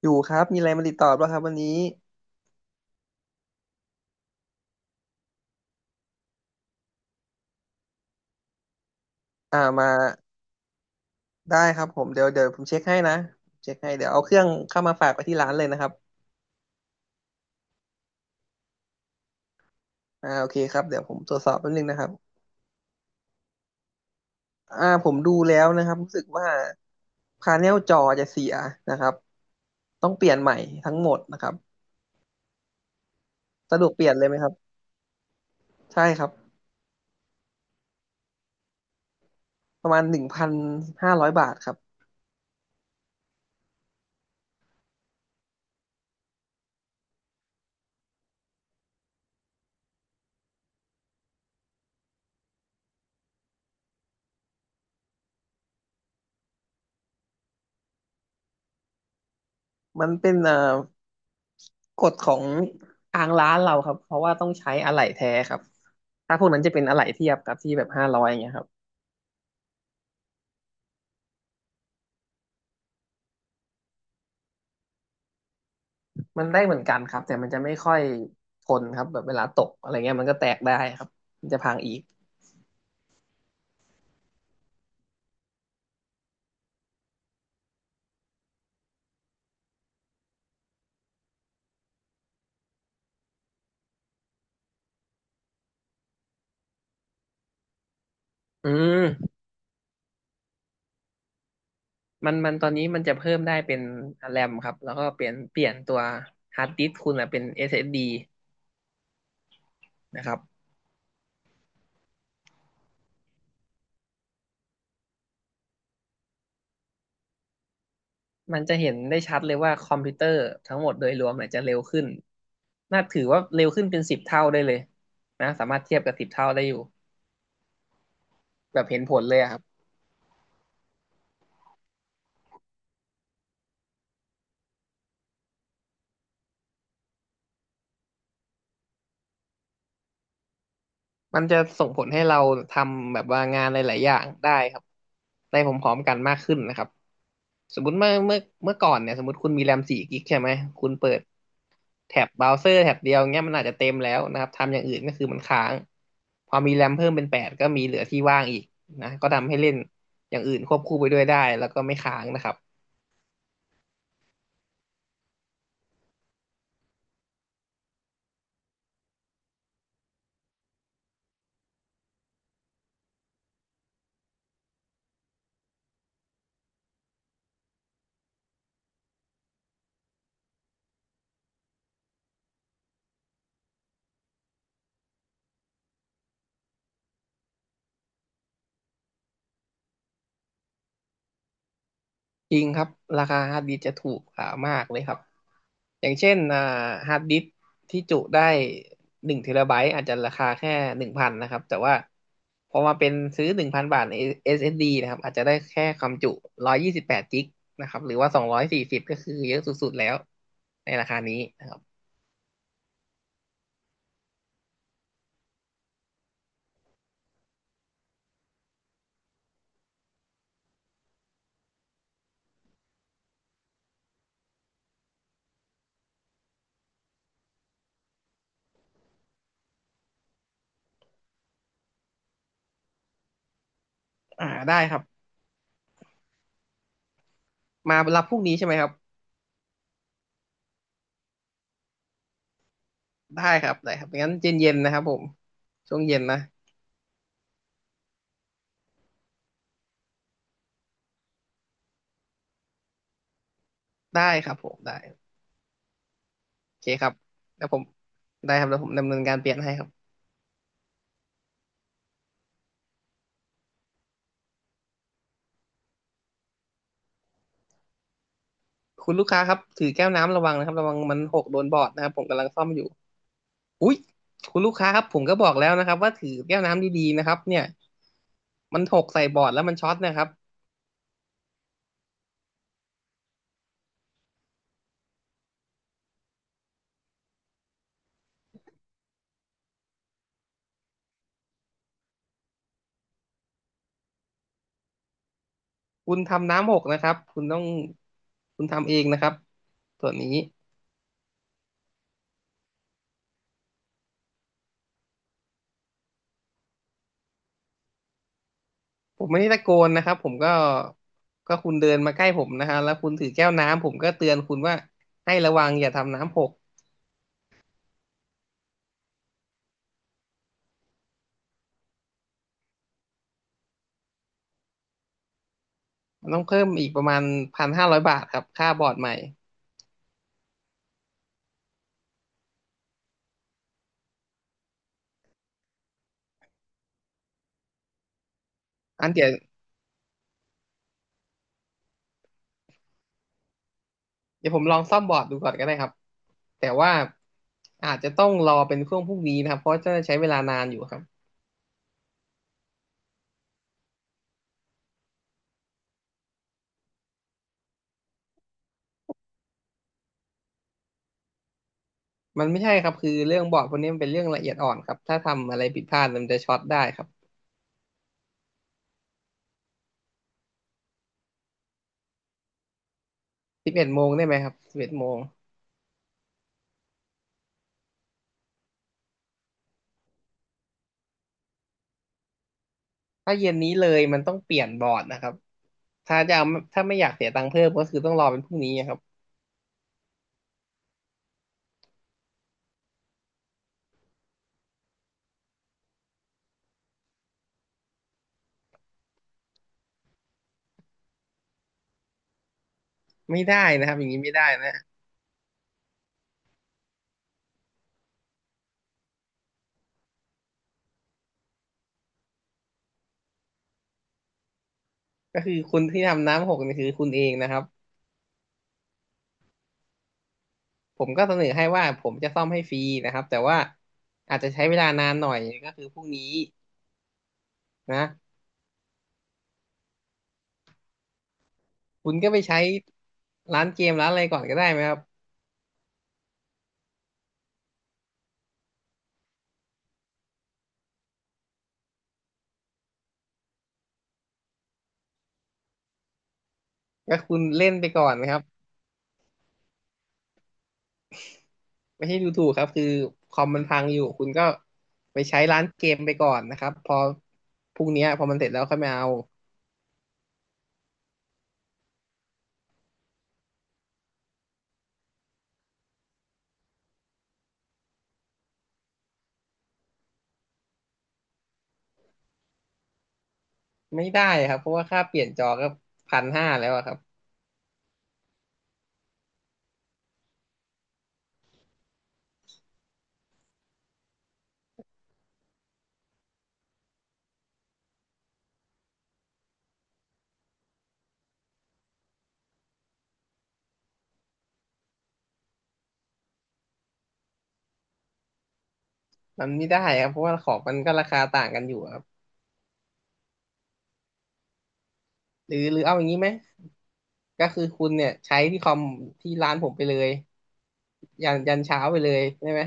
อยู่ครับมีอะไรมาติดต่อบ้างครับวันนี้มาได้ครับผมเดี๋ยวผมเช็คให้นะเช็คให้เดี๋ยวเอาเครื่องเข้ามาฝากไปที่ร้านเลยนะครับอ่าโอเคครับเดี๋ยวผมตรวจสอบแป๊บนึงนะครับผมดูแล้วนะครับรู้สึกว่าพาเนลจอจะเสียนะครับต้องเปลี่ยนใหม่ทั้งหมดนะครับสะดวกเปลี่ยนเลยไหมครับใช่ครับประมาณ1,500 บาทครับมันเป็นกฎของทางร้านเราครับเพราะว่าต้องใช้อะไหล่แท้ครับถ้าพวกนั้นจะเป็นอะไหล่เทียบครับที่แบบห้าร้อยอย่างเงี้ยครับ มันได้เหมือนกันครับแต่มันจะไม่ค่อยทนครับแบบเวลาตกอะไรเงี้ยมันก็แตกได้ครับมันจะพังอีกอืมมันตอนนี้มันจะเพิ่มได้เป็นแรมครับแล้วก็เปลี่ยนตัวฮาร์ดดิสก์คุณอะเป็น SSD นะครับมันจะเห็นได้ชัดเลยว่าคอมพิวเตอร์ทั้งหมดโดยรวมเนี่ยจะเร็วขึ้นน่าถือว่าเร็วขึ้นเป็นสิบเท่าได้เลยนะสามารถเทียบกับสิบเท่าได้อยู่แบบเห็นผลเลยอะครับมันจะส่งผลให้เราทำแบบว่างานหลายๆอย่างได้ครับได้พร้อมๆกันมากขึ้นนะครับ สมมติเมื่อก่อนเนี่ยสมมติคุณมีแรม4 กิกใช่ไหมคุณเปิดแท็บเบราว์เซอร์แท็บเดียวเงี้ยมันอาจจะเต็มแล้วนะครับทำอย่างอื่นก็คือมันค้างพอมีแรมเพิ่มเป็นแปดก็มีเหลือที่ว่างอีกนะก็ทำให้เล่นอย่างอื่นควบคู่ไปด้วยได้แล้วก็ไม่ค้างนะครับ จริงครับราคาฮาร์ดดิสก์จะถูกกว่ามากเลยครับอย่างเช่นฮาร์ดดิสก์ที่จุได้1 เทราไบต์อาจจะราคาแค่หนึ่งพันนะครับแต่ว่าพอมาเป็นซื้อ1,000 บาทใน SSD นะครับอาจจะได้แค่ความจุ128 กิกนะครับหรือว่า240ก็คือเยอะสุดๆแล้วในราคานี้นะครับอ่าได้ครับมารับพรุ่งนี้ใช่ไหมครับได้ครับได้ครับงั้นเย็นๆนนะครับผมช่วงเย็นนะได้ครับผมได้โอเคครับแล้วผมได้ครับแล้วผมดำเนินการเปลี่ยนให้ครับ คุณลูกค้าครับถือแก้วน้ำระวังนะครับระวังมันหกโดนบอร์ดนะครับผมกำลังซ่อมอยู่อุ๊ยคุณลูกค้าครับผมก็บอกแล้วนะครับว่าถือแก้วน้ำดีๆนะครับเนี่ยมันหกใส่บอร์ดแล้วมันช็อตนะครับคุณทำน้ำหกนะครับคุณทำเองนะครับส่วนนี้ผมไม่ได้ตะโกนนะครับผมก็คุณเดินมาใกล้ผมนะฮะแล้วคุณถือแก้วน้ำผมก็เตือนคุณว่าให้ระวังอย่าทำน้ำหกมันต้องเพิ่มอีกประมาณพันห้าร้อยบาทครับค่าบอร์ดใหม่อันเดี๋ยว เดี๋ยวผมลองซ่อมบอร์ดดูก่อนก็ได้ครับแต่ว่าอาจจะต้องรอเป็นช่วงพรุ่งนี้นะครับเพราะจะใช้เวลานานอยู่ครับมันไม่ใช่ครับคือเรื่องบอร์ดพวกนี้มันเป็นเรื่องละเอียดอ่อนครับถ้าทำอะไรผิดพลาดมันจะช็อตได้ครับสิบเอ็ดโมงได้ไหมครับสิบเอ็ดโมงถ้าเย็นนี้เลยมันต้องเปลี่ยนบอร์ดนะครับถ้าจะเอาถ้าไม่อยากเสียตังค์เพิ่มก็คือต้องรอเป็นพรุ่งนี้ครับไม่ได้นะครับอย่างนี้ไม่ได้นะก็คือคุณที่ทำน้ำหกนี่คือคุณเองนะครับผมก็เสนอให้ว่าผมจะซ่อมให้ฟรีนะครับแต่ว่าอาจจะใช้เวลานานหน่อยก็คือพรุ่งนี้ นะคุณก็ไปใช้ร้านเกมร้านอะไรก่อนก็ได้ไหมครับก็คุณเล่นไปก่อนนะครับไม่ใช่ดูถูกครับคือคอมมันพังอยู่คุณก็ไปใช้ร้านเกมไปก่อนนะครับพอพรุ่งเนี้ยพอมันเสร็จแล้วค่อยมาเอาไม่ได้ครับเพราะว่าค่าเปลี่ยนจอก็พันห้าแล้วอะครับมันไม่ได้ครับเพราะว่าของมันก็ราคาต่างกันอยู่ครับหรือเอาอย่างนี้ไหมก็คือคุณเนี่ยใช้ที่คอมที่ร้านผมไปเลยยันเช้าไปเลยได้ไหม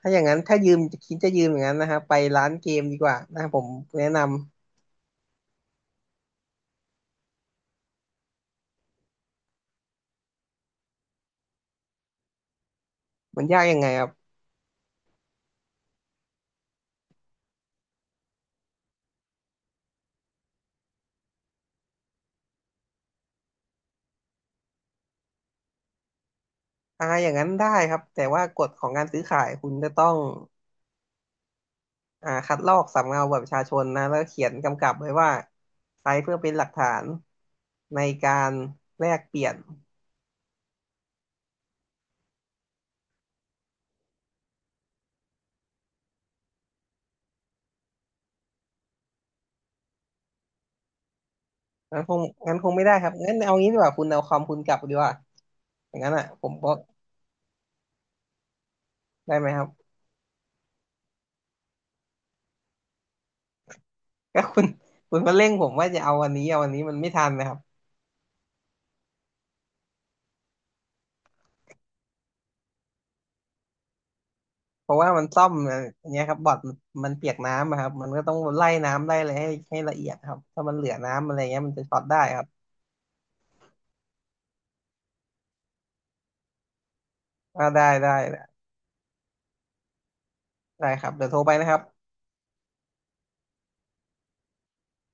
ถ้าอย่างนั้นถ้ายืมจะยืมอย่างนั้นนะฮะไปร้านเกมดีกว่านะครับผมแนะนำมันยากยังไงครับอ่าอย่างนั้นได้ครับแต่ว่ากฎของการซื้อขายคุณจะต้องคัดลอกสำเนาบัตรประชาชนนะแล้วเขียนกำกับไว้ว่าใช้เพื่อเป็นหลักฐานในการแลกเปลี่ยนงั้นคงงั้นคงไม่ได้ครับงั้นเอางี้ดีกว่าคุณเอาคอมคุณกลับดีกว่าอย่างนั้นอ่ะผมบอกได้ไหมครับก็คุณมาเร่งผมว่าจะเอาวันนี้เอาวันนี้มันไม่ทันนะครับ เพราะว่ามันซ่อมอย่างเงี้ยครับบอร์ดมันเปียกน้ำอะครับมันก็ต้องไล่น้ำไล่อะไรให้ละเอียดครับถ้ามันเหลือน้ำอะไรเงี้ยมันจะช็อตได้ครับอ่าได้ได้ได้ครับเดี๋ยวโทรไปนะครับ